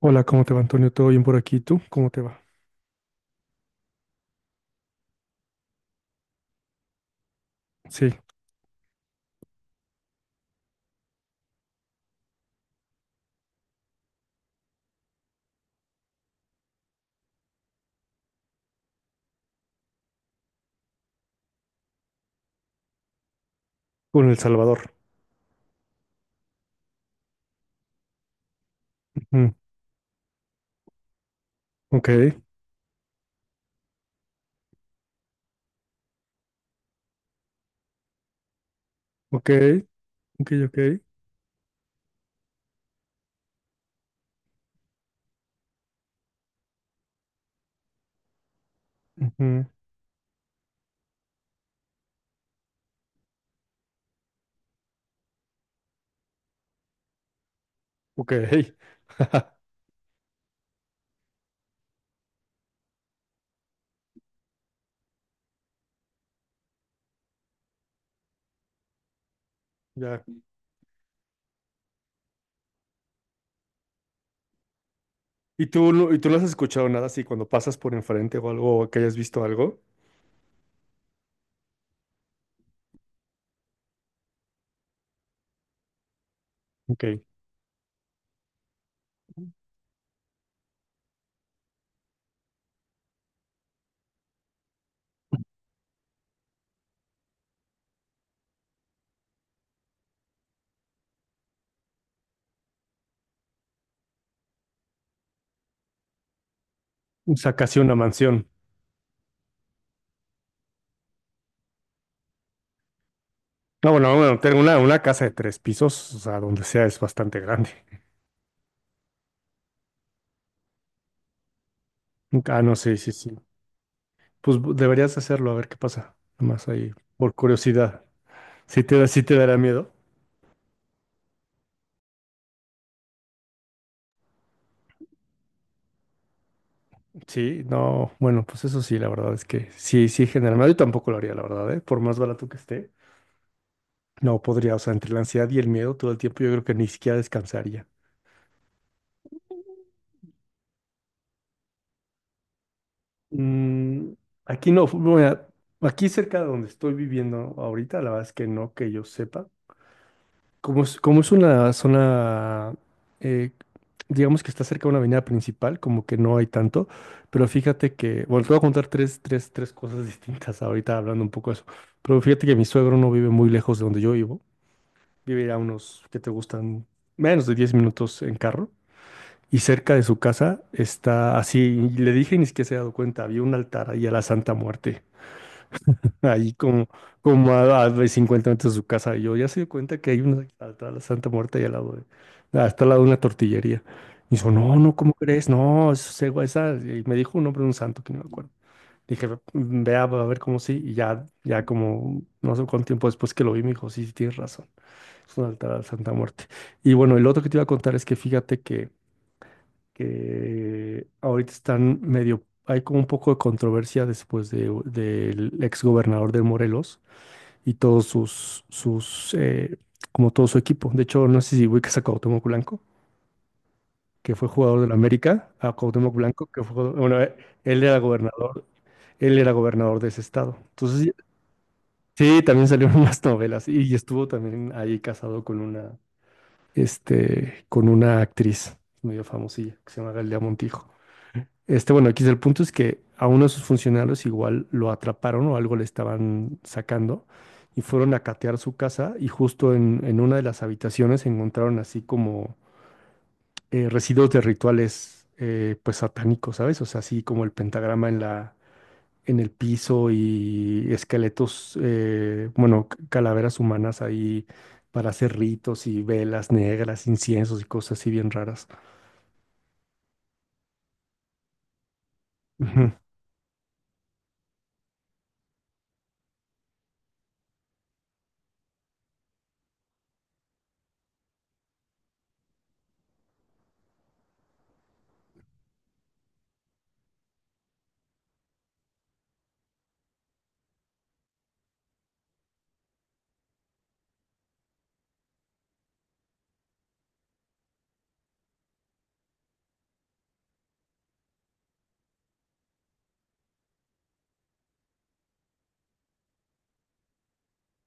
Hola, ¿cómo te va, Antonio? ¿Todo bien por aquí? ¿Tú? ¿Cómo te va? Sí, con El Salvador. Ujú. Ok, ok, ok, ok. Ujú. Ok. Ya. Y tú no has escuchado nada así cuando pasas por enfrente o algo, o que hayas visto algo? Ok. O sea, casi una mansión. No, bueno, bueno, tengo una casa de tres pisos, o sea, donde sea es bastante grande. Ah, no, sí, sí, sí. Pues bu- deberías hacerlo, a ver qué pasa. Nomás ahí, por curiosidad. ¿Sí te, da- sí te dará miedo? Sí, no, bueno, pues eso sí, la verdad es que sí, sí, generalmente yo tampoco lo haría, la verdad, ¿eh? Por más barato que esté, no podría, o sea, entre la ansiedad y el miedo todo el tiempo yo creo que ni siquiera descansaría. Mm, aquí no, fu- bueno, aquí cerca de donde estoy viviendo ahorita, la verdad es que no, que yo sepa. Como es una zona, eh, digamos que está cerca de una avenida principal, como que no hay tanto, pero fíjate que, bueno, te voy a contar tres cosas distintas ahorita hablando un poco de eso, pero fíjate que mi suegro no vive muy lejos de donde yo vivo, vive a unos que te gustan menos de 10 minutos en carro, y cerca de su casa está así, y le dije y ni siquiera se ha dado cuenta, había un altar ahí a la Santa Muerte ahí como, como a 50 metros de su casa. Y yo ya se dio cuenta que hay una atrás de la Santa Muerte y al lado de, hasta al lado de una tortillería. Y dijo, no, no, ¿cómo crees? No, eso es ego, esa. Y me dijo un nombre de un santo que no me acuerdo. Dije, "Mm, vea, a ver cómo sí". Y ya, ya como no sé cuánto tiempo después que lo vi, me dijo, sí, sí, tienes razón. Es un altar a la Santa Muerte. Y bueno, el otro que te iba a contar es que fíjate que ahorita están medio, hay como un poco de controversia después del ex gobernador de Morelos y todos sus, sus como todo su equipo. De hecho, no sé si ubicas a Cuauhtémoc Blanco, que fue jugador de la América, a Cuauhtémoc Blanco, que fue jugador- bueno, él era gobernador, él era gobernador de ese estado. Entonces, sí, también salieron unas novelas y estuvo también ahí casado con con una actriz medio famosilla que se llama Galilea Montijo. Este, bueno, aquí el punto es que a uno de sus funcionarios igual lo atraparon o algo le estaban sacando y fueron a catear su casa y justo en una de las habitaciones encontraron así como residuos de rituales pues satánicos, ¿sabes? O sea, así como el pentagrama en el piso y esqueletos, bueno, c- calaveras humanas ahí para hacer ritos y velas negras, inciensos y cosas así bien raras. Ujú.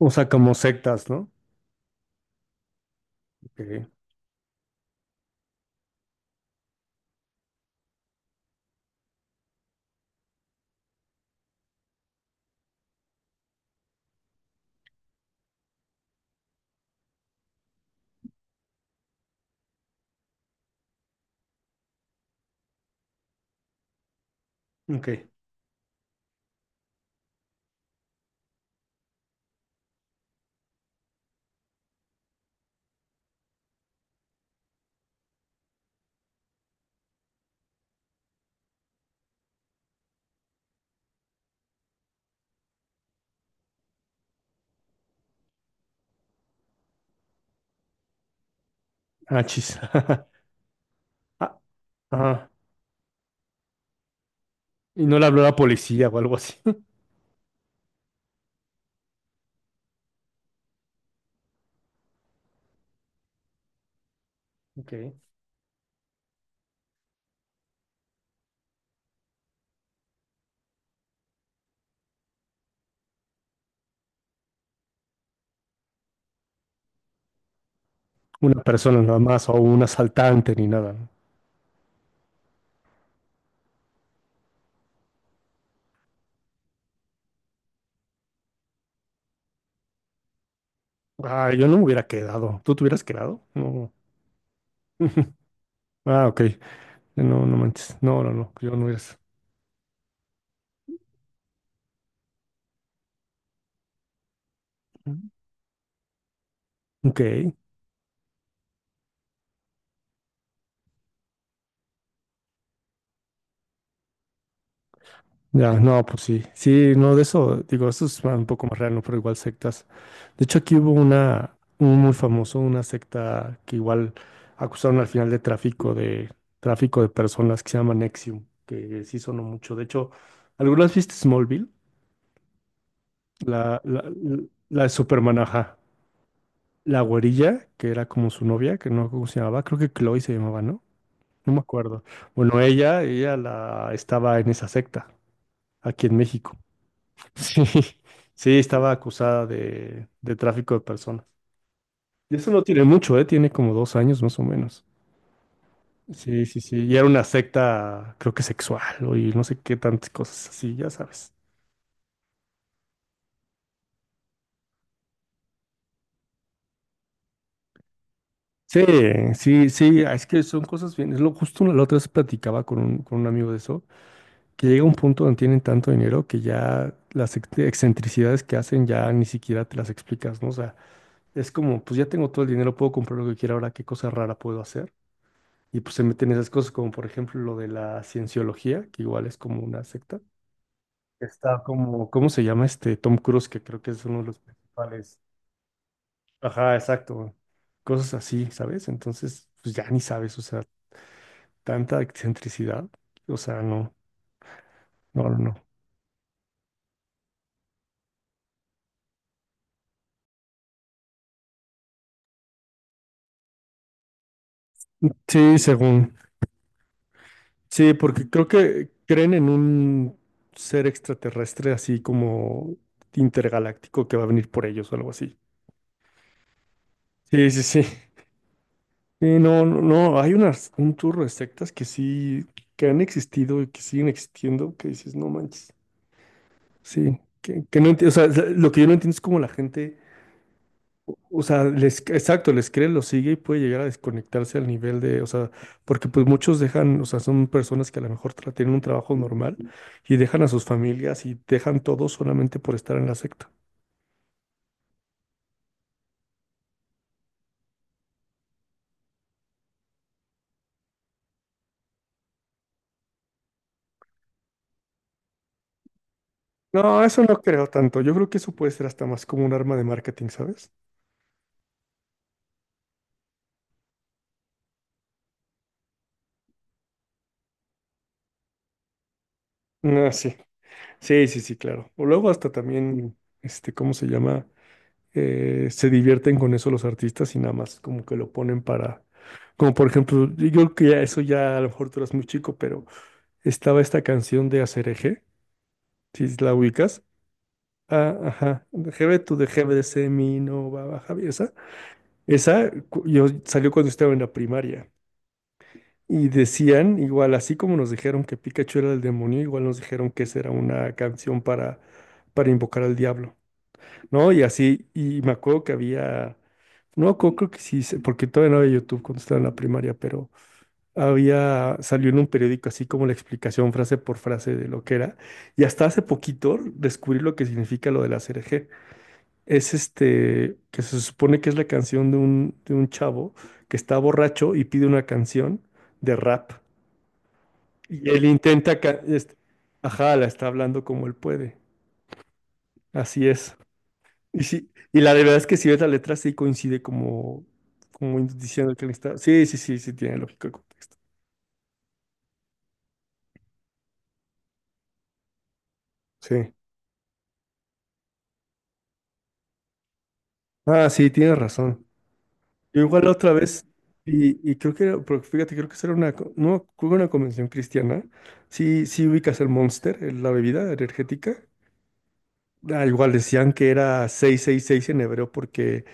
O sea, como sectas, ¿no? Ok. Ok. Ah, chis. Ah, ah. Y no le habló la policía o algo así. Ok. Una persona nada más o un asaltante ni nada, ¿no? Ah, yo no me hubiera quedado. ¿Tú te hubieras quedado? No. Ah, ok. No, no manches. No, no, no. Yo no hubiera. Ok. Ya, no, pues sí. Sí, no, de eso, digo, eso es un poco más real, ¿no? Pero igual sectas. De hecho, aquí hubo una, un muy famoso, una secta que igual acusaron al final de tráfico de personas que se llama Nexium, que sí sonó mucho. De hecho, ¿algunas viste Smallville? La de Superman, ajá. La güerilla, que era como su novia, que no me acuerdo cómo se llamaba, creo que Chloe se llamaba, ¿no? No me acuerdo. Bueno, ella la estaba en esa secta, aquí en México. Sí, sí, estaba acusada de tráfico de personas. Y eso no tiene mucho, ¿eh? Tiene como 2 años más o menos. Sí, sí, sí. Y era una secta, creo que sexual, o y no sé qué tantas cosas así, ya sabes. Sí, sí, sí, ah, es que son cosas bien. Es lo justo la otra vez platicaba con un amigo de eso, que llega un punto donde tienen tanto dinero que ya las excentricidades que hacen ya ni siquiera te las explicas, ¿no? O sea, es como, pues ya tengo todo el dinero, puedo comprar lo que quiera ahora, qué cosa rara puedo hacer. Y pues se meten esas cosas como por ejemplo lo de la cienciología, que igual es como una secta. Está como, ¿cómo se llama este Tom Cruise? Que creo que es uno de los principales. Ajá, exacto. Cosas así, ¿sabes? Entonces, pues ya ni sabes, o sea, tanta excentricidad. O sea, no, no, no, no. Sí, según. Sí, porque creo que creen en un ser extraterrestre así como intergaláctico que va a venir por ellos o algo así. Sí, sí, sí. Sí, no, no, no, hay unas, un churro de sectas que sí, que han existido y que siguen existiendo, que dices, no manches. Sí, que no enti- o sea, lo que yo no entiendo es cómo la gente, exacto, les cree, lo sigue y puede llegar a desconectarse al nivel de, o sea, porque pues muchos dejan, o sea, son personas que a lo mejor tra- tienen un trabajo normal y dejan a sus familias y dejan todo solamente por estar en la secta. No, eso no creo tanto. Yo creo que eso puede ser hasta más como un arma de marketing, ¿sabes? Ah, sí. Sí, sí, sí, claro. O luego hasta también, este, ¿cómo se llama? Se divierten con eso los artistas y nada más como que lo ponen para, como por ejemplo, yo creo que ya eso ya a lo mejor tú eras muy chico, pero estaba esta canción de Aserejé, si la ubicas. Ah, ajá, Jebe tu de Jebe de Semi, no va a Javier, esa cu- yo salió cuando estaba en la primaria. Y decían, igual así como nos dijeron que Pikachu era el demonio, igual nos dijeron que esa era una canción para invocar al diablo, ¿no? Y así, y me acuerdo que había... No, creo, creo que sí, sé, porque todavía no había YouTube cuando estaba en la primaria, pero había, salió en un periódico así como la explicación frase por frase de lo que era. Y hasta hace poquito descubrí lo que significa lo de la CRG. Es este, que se supone que es la canción de un chavo que está borracho y pide una canción de rap. Y él intenta, ca- este, ajá, la está hablando como él puede. Así es. Y sí, y la verdad es que si ves la letra sí coincide como, como diciendo que le está. Sí, sí, sí, sí, tiene lógica el contexto. Sí. Ah, sí, tienes razón. Yo igual la otra vez, y creo que era, porque fíjate, creo que esa era una, co- no, creo que una convención cristiana. Sí, sí ubicas el Monster, la bebida energética. Ah, igual decían que era 666 en hebreo porque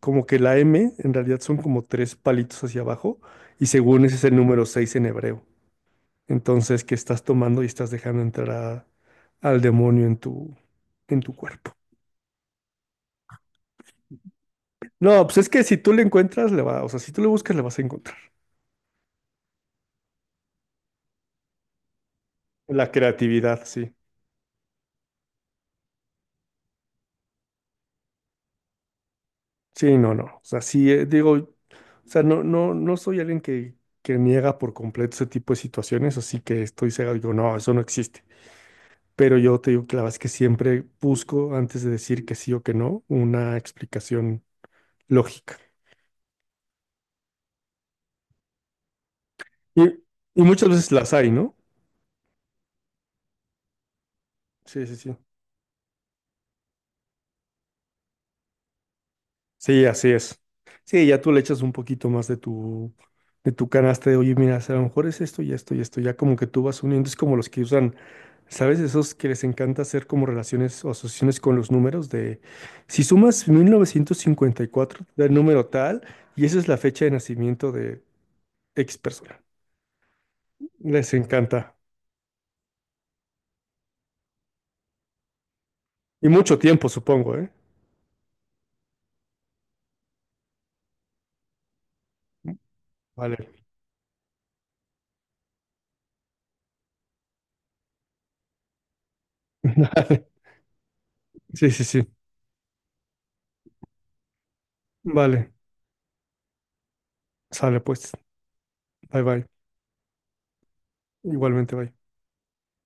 como que la M en realidad son como tres palitos hacia abajo y según ese es el número 6 en hebreo. Entonces, que estás tomando y estás dejando entrar al demonio en tu cuerpo. No, pues es que si tú le encuentras, le va, o sea, si tú le buscas, le vas a encontrar. La creatividad, sí. Sí, no, no. O sea, sí, digo, o sea, no, no, no soy alguien que niega por completo ese tipo de situaciones, así que estoy cegado y digo, no, eso no existe. Pero yo te digo que la verdad es que siempre busco, antes de decir que sí o que no, una explicación lógica. Y, y muchas veces las hay, ¿no? Sí, sí, sí. Sí, así es. Sí, ya tú le echas un poquito más de tu canasta de, oye, mira, si a lo mejor es esto y esto y esto, ya como que tú vas uniendo, es como los que usan, ¿sabes? Esos que les encanta hacer como relaciones o asociaciones con los números de, si sumas 1954 del número tal, y esa es la fecha de nacimiento de X persona. Les encanta. Y mucho tiempo, supongo, ¿eh? Vale. Vale. Sí, sí, sí. Vale. Sale pues. Bye, bye. Igualmente, bye.